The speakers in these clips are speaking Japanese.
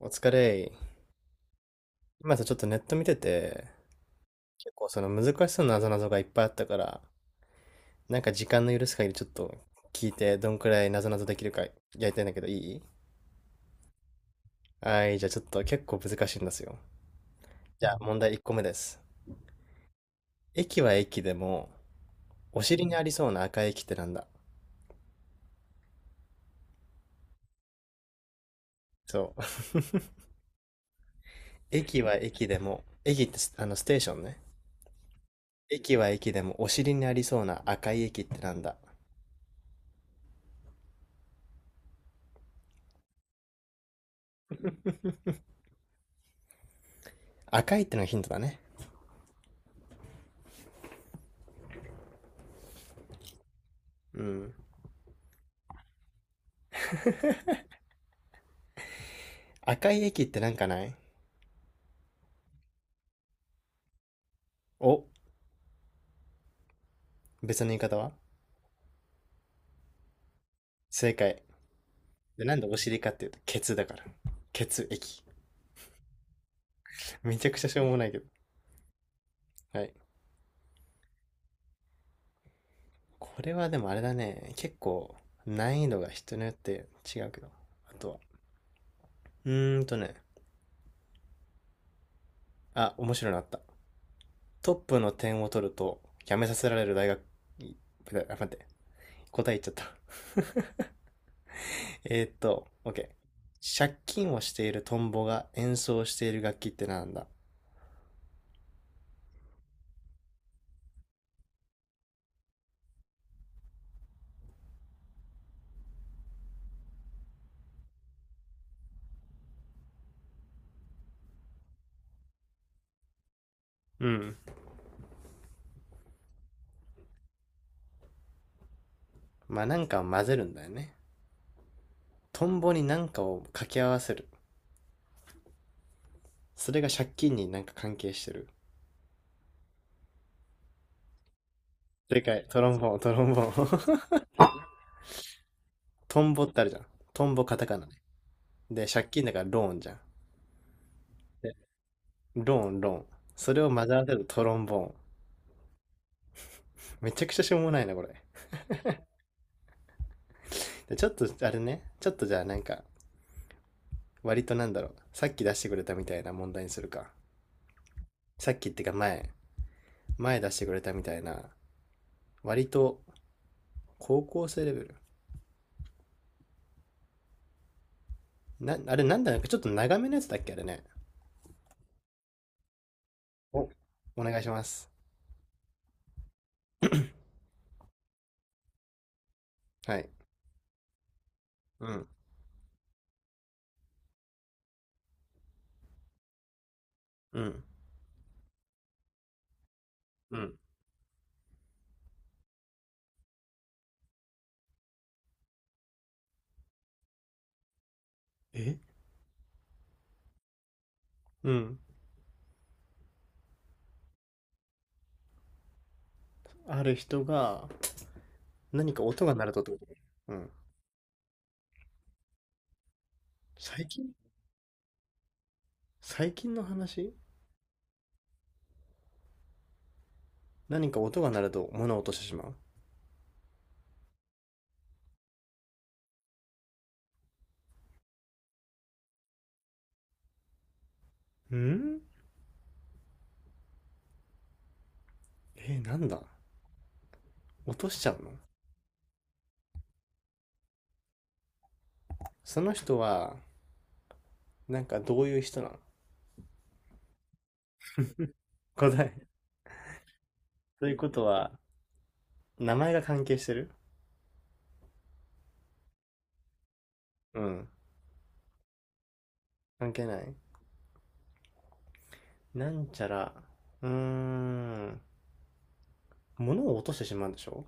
お疲れ。今さ、ちょっとネット見てて、結構その難しそうなぞなぞがいっぱいあったから、なんか時間の許す限りちょっと聞いて、どんくらいなぞなぞできるかやりたいんだけど、いい？はい、じゃあちょっと結構難しいんですよ。じゃあ問題1個目です。駅は駅でも、お尻にありそうな赤い駅ってなんだ？そう。駅は駅でも、駅ってスあのステーションね。駅は駅でもお尻にありそうな赤い駅ってなんだ？赤いってのがヒントだね。うん。赤い駅ってなんかない？お、別の言い方は？正解。でなんでお尻かっていうと、血だから。血液。めちゃくちゃしょうもないけど。はい。これはでもあれだね。結構、難易度が人によって違うけど。あとは。うーんとね。あ、面白いのあった。トップの点を取ると、辞めさせられる大学、あ、待って。答え言っちゃった。OK。借金をしているトンボが演奏している楽器ってなんだ？うん。まあなんか混ぜるんだよね。トンボに何かを掛け合わせる。それが借金になんか関係してる。正解、トロンボーン、トロンボーン。トンボってあるじゃん。トンボカタカナね。で、借金だからローンじゃん。で、ローン、ローン。それを混ぜ合わせるトロンボーン。めちゃくちゃしょうもないな、これ。で、ちょっと、あれね、ちょっとじゃあなんか、割となんだろう。さっき出してくれたみたいな問題にするか。さっきってか前出してくれたみたいな、割と高校生レベル。な、あれなんだなかちょっと長めのやつだっけあれね。お、お願いします。はい。うん。うん。うん。えうん。ある人が何か音が鳴るとってこと？うん。最近？最近の話？何か音が鳴ると物を落としてしまうん。なんだ？落としちゃうの？その人は、なんかどういう人なの？答え？ということは名前が関係してる？うん。関係ない？なんちゃら。うーん。物を落としてしまうんでしょ？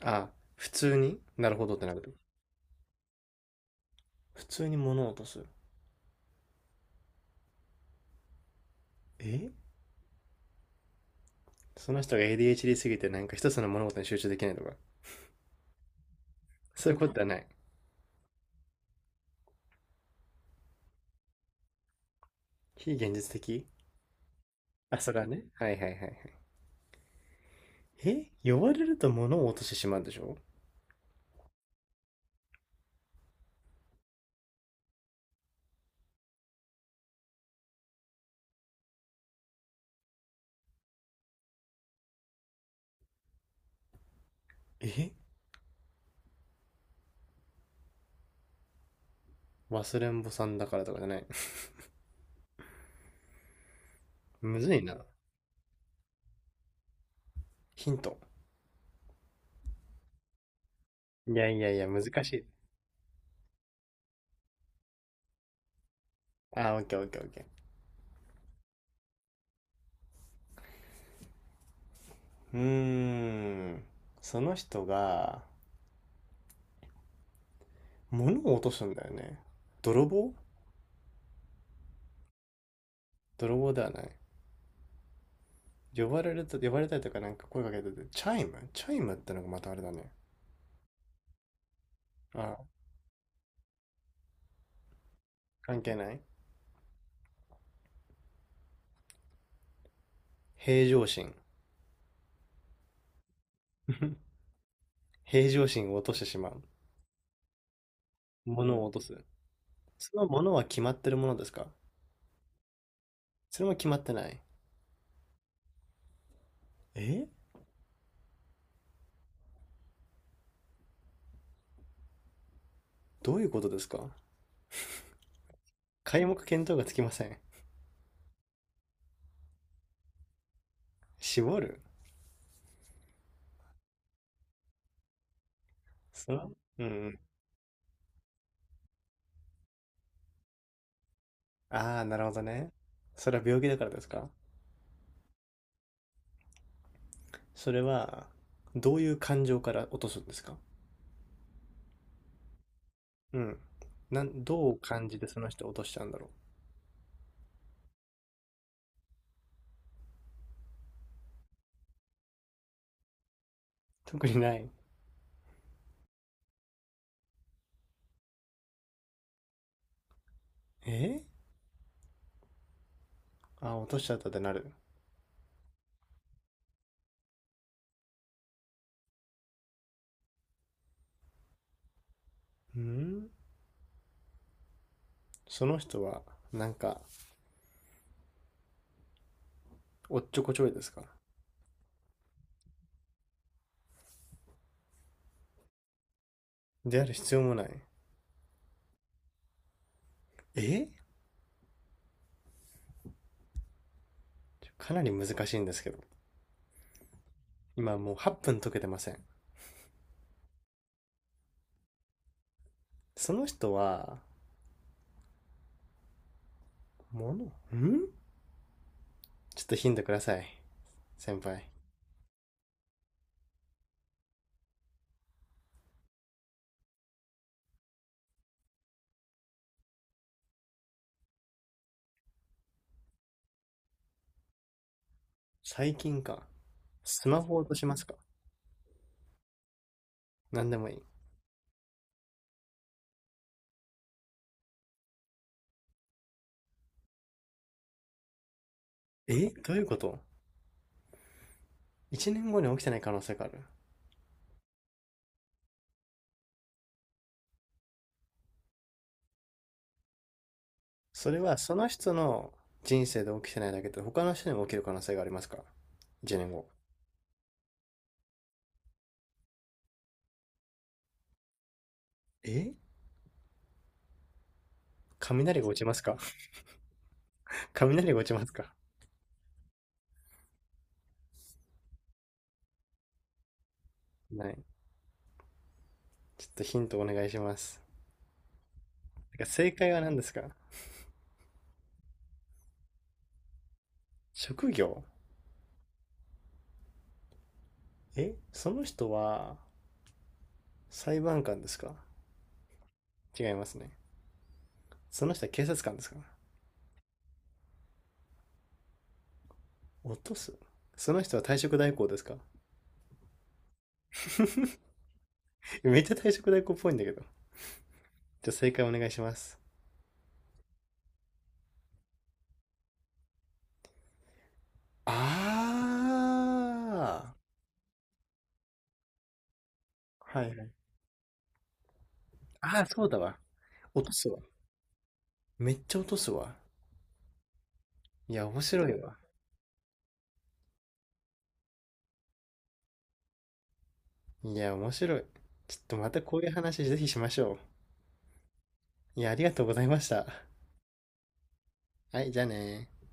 あ。普通になるほどってなる？普通に物を落とす？えその人が ADHD すぎてなんか一つの物事に集中できないとか、そういうことはない。非現実的？あ、それはね。はいはいはいはい。呼ばれると物を落としてしまうでしょ？え忘れんぼさんだからとかじゃない。むずいな。ヒント。いやいやいや、難しい。あ、オッケーオッケーオッケー。うーん。その人が物を落とすんだよね。泥棒？泥棒ではない？呼ばれると、呼ばれたりとかなんか声かけてて、チャイムチャイムってのがまたあれだね。あ。関係ない？平常心。平常心を落としてしまう。物を落とす。その物は決まってるものですか？それも決まってない？えどういうことですか？皆目見当がつきません。絞る？その。うんうん。ああ、なるほどね。それは病気だからですか？それは、どういう感情から落とすんですか？うん。なん、どう感じてその人を落としちゃうんだろう？特にない？えあー、落としちゃったってなる？うん。その人は、なんか、おっちょこちょいですか？である必要もない？えかなり難しいんですけど。今もう8分解けてません。その人は、ものんちょっとヒントください。先輩。最近か。スマホを落としますか？何でもいい？どういうこと ?1 年後に起きてない可能性がある？それはその人の人生で起きてないだけで他の人にも起きる可能性がありますか ?1 年後？え雷が落ちますか？ 雷が落ちますか？ない？ちょっとヒントお願いします。てか正解は何ですか？職業？その人は裁判官ですか？違いますね。その人は警察官ですか？落とす。その人は退職代行ですか？ めっちゃ退職代行っぽいんだけど。じゃあ正解お願いします。あー。はいはい。ああ、そうだわ。落とすわ。めっちゃ落とすわ。いや、面白いわ。いや、面白い。ちょっとまたこういう話ぜひしましょう。いや、ありがとうございました。はい、じゃあねー。